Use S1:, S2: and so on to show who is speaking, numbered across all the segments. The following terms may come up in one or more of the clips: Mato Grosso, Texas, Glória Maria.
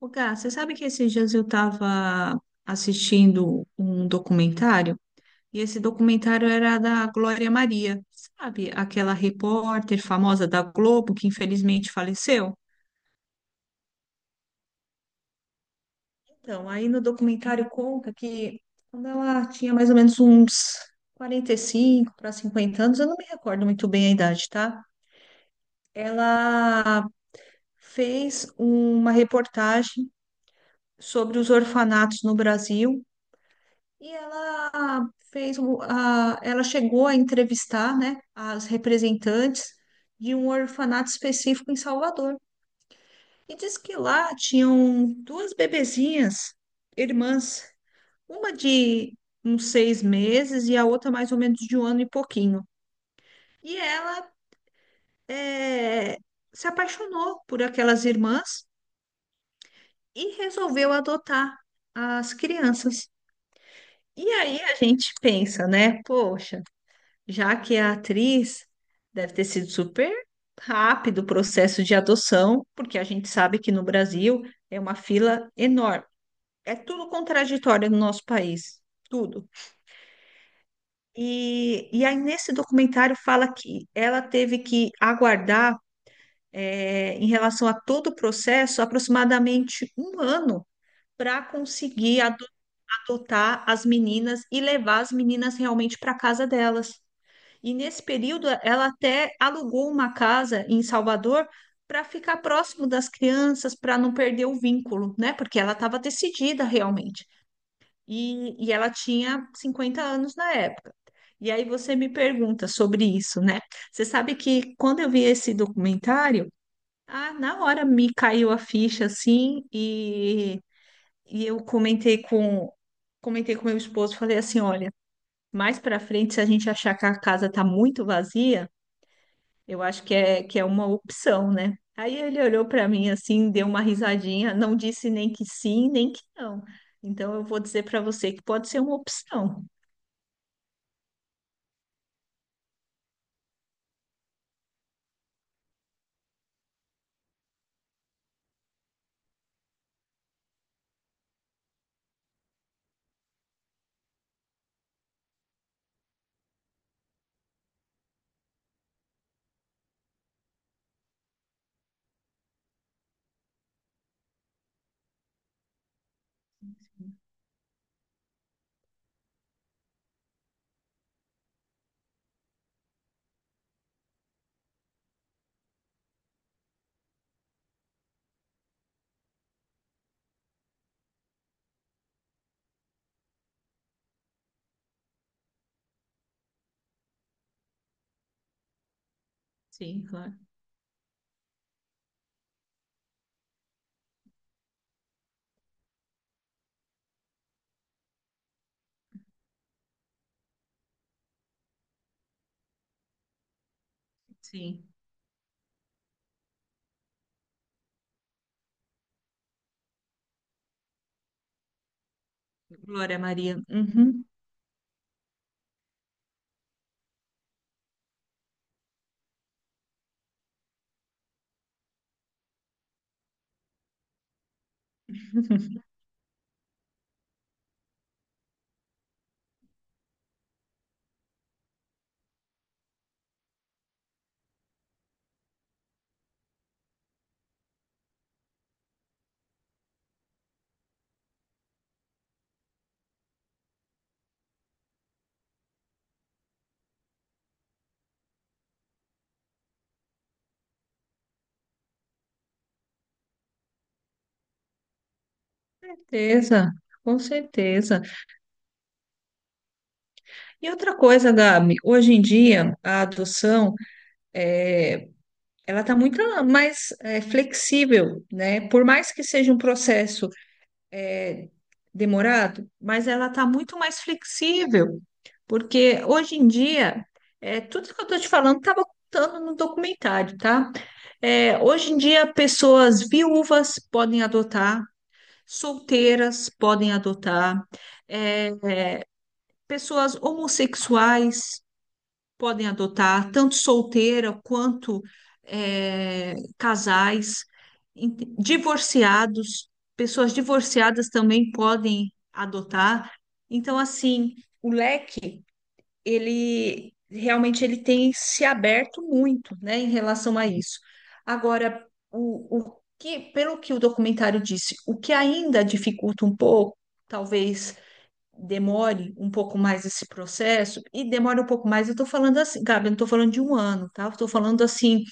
S1: Ô, Gá, você sabe que esses dias eu estava assistindo um documentário, e esse documentário era da Glória Maria, sabe? Aquela repórter famosa da Globo que infelizmente faleceu. Então, aí no documentário conta que quando ela tinha mais ou menos uns 45 para 50 anos, eu não me recordo muito bem a idade, tá? Ela fez uma reportagem sobre os orfanatos no Brasil. E ela ela chegou a entrevistar, né, as representantes de um orfanato específico em Salvador. E disse que lá tinham duas bebezinhas, irmãs, uma de uns 6 meses e a outra mais ou menos de 1 ano e pouquinho. E ela eh, se apaixonou por aquelas irmãs e resolveu adotar as crianças. E aí a gente pensa, né, poxa, já que a atriz deve ter sido super rápido o processo de adoção, porque a gente sabe que no Brasil é uma fila enorme. É tudo contraditório no nosso país, tudo. E aí, nesse documentário, fala que ela teve que aguardar, é, em relação a todo o processo, aproximadamente 1 ano para conseguir adotar as meninas e levar as meninas realmente para casa delas. E nesse período, ela até alugou uma casa em Salvador para ficar próximo das crianças, para não perder o vínculo, né? Porque ela estava decidida realmente. E ela tinha 50 anos na época. E aí você me pergunta sobre isso, né? Você sabe que quando eu vi esse documentário, ah, na hora me caiu a ficha assim, e eu comentei com meu esposo, falei assim, olha, mais para frente, se a gente achar que a casa tá muito vazia, eu acho que é uma opção, né? Aí ele olhou para mim assim, deu uma risadinha, não disse nem que sim, nem que não. Então eu vou dizer para você que pode ser uma opção. Sim, claro. Sim. Glória Maria. Uhum. Certeza, com certeza. E outra coisa, Gabi, hoje em dia a adoção é, ela está muito mais flexível, né? Por mais que seja um processo é, demorado, mas ela está muito mais flexível, porque hoje em dia, tudo que eu estou te falando estava contando no documentário, tá? Hoje em dia, pessoas viúvas podem adotar, solteiras podem adotar, é, pessoas homossexuais podem adotar, tanto solteira quanto casais, divorciados, pessoas divorciadas também podem adotar. Então, assim, o leque, ele realmente ele tem se aberto muito, né, em relação a isso. Agora, o que, pelo que o documentário disse, o que ainda dificulta um pouco, talvez demore um pouco mais esse processo, e demore um pouco mais, eu estou falando assim, Gabi, eu não estou falando de um ano, tá? Eu estou falando assim,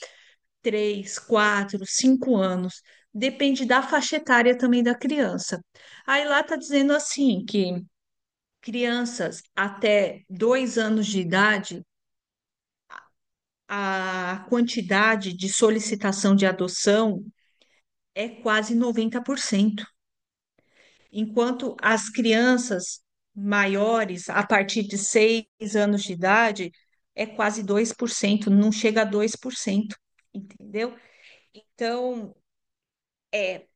S1: 3, 4, 5 anos. Depende da faixa etária também da criança. Aí lá está dizendo assim que crianças até 2 anos de idade, a quantidade de solicitação de adoção é quase 90%, enquanto as crianças maiores, a partir de 6 anos de idade, é quase 2%, não chega a 2%, entendeu? Então, é,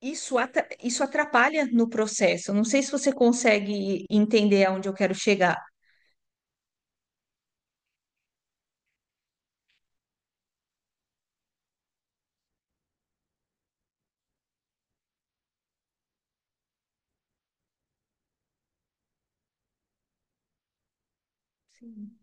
S1: isso atrapalha no processo. Não sei se você consegue entender aonde eu quero chegar. Sim,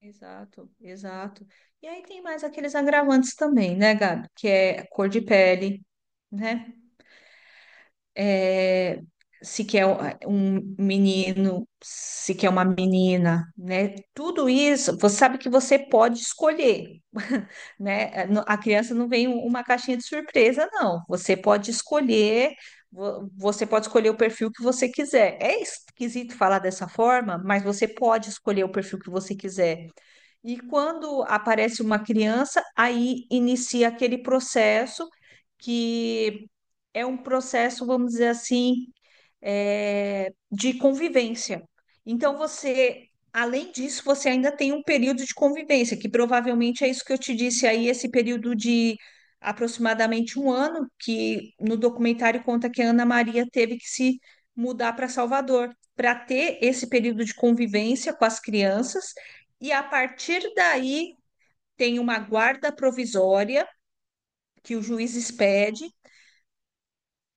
S1: exato, exato. E aí tem mais aqueles agravantes também, né, Gabi? Que é a cor de pele, né? É, se quer um menino, se quer uma menina, né? Tudo isso, você sabe que você pode escolher, né? A criança não vem um, uma caixinha de surpresa, não. Você pode escolher, você pode escolher o perfil que você quiser. É esquisito falar dessa forma, mas você pode escolher o perfil que você quiser. E quando aparece uma criança, aí inicia aquele processo que é um processo, vamos dizer assim, é, de convivência. Então, você, além disso, você ainda tem um período de convivência, que provavelmente é isso que eu te disse aí, esse período de aproximadamente 1 ano, que no documentário conta que a Ana Maria teve que se mudar para Salvador, para ter esse período de convivência com as crianças, e a partir daí tem uma guarda provisória que o juiz expede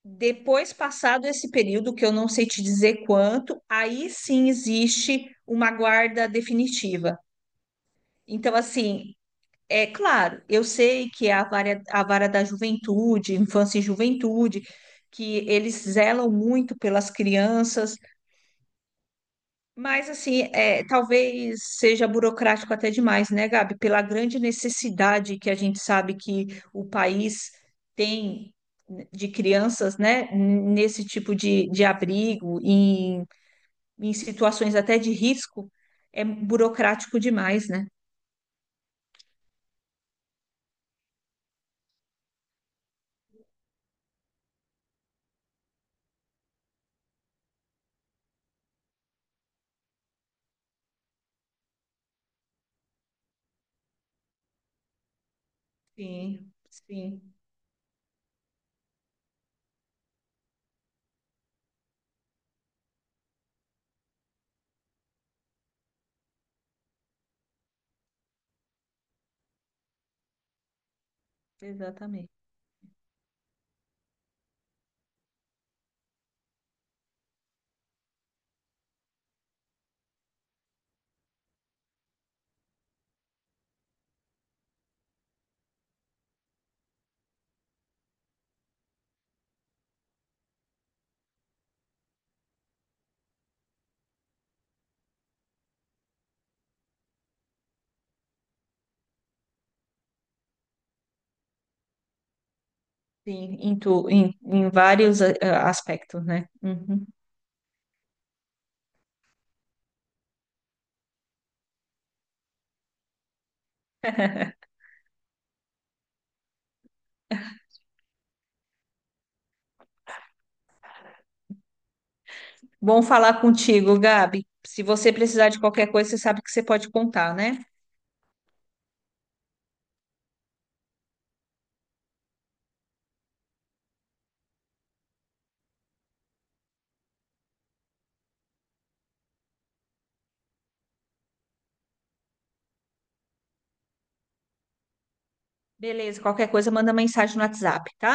S1: depois passado esse período, que eu não sei te dizer quanto, aí sim existe uma guarda definitiva. Então, assim, é claro, eu sei que é a vara da juventude, infância e juventude, que eles zelam muito pelas crianças, mas, assim, é, talvez seja burocrático até demais, né, Gabi? Pela grande necessidade que a gente sabe que o país tem, né, de crianças, né, nesse tipo de abrigo, em, em situações até de risco, é burocrático demais, né? Sim, sim, exatamente. Sim, em vários aspectos, né? Uhum. Bom falar contigo, Gabi. Se você precisar de qualquer coisa, você sabe que você pode contar, né? Beleza, qualquer coisa manda mensagem no WhatsApp, tá?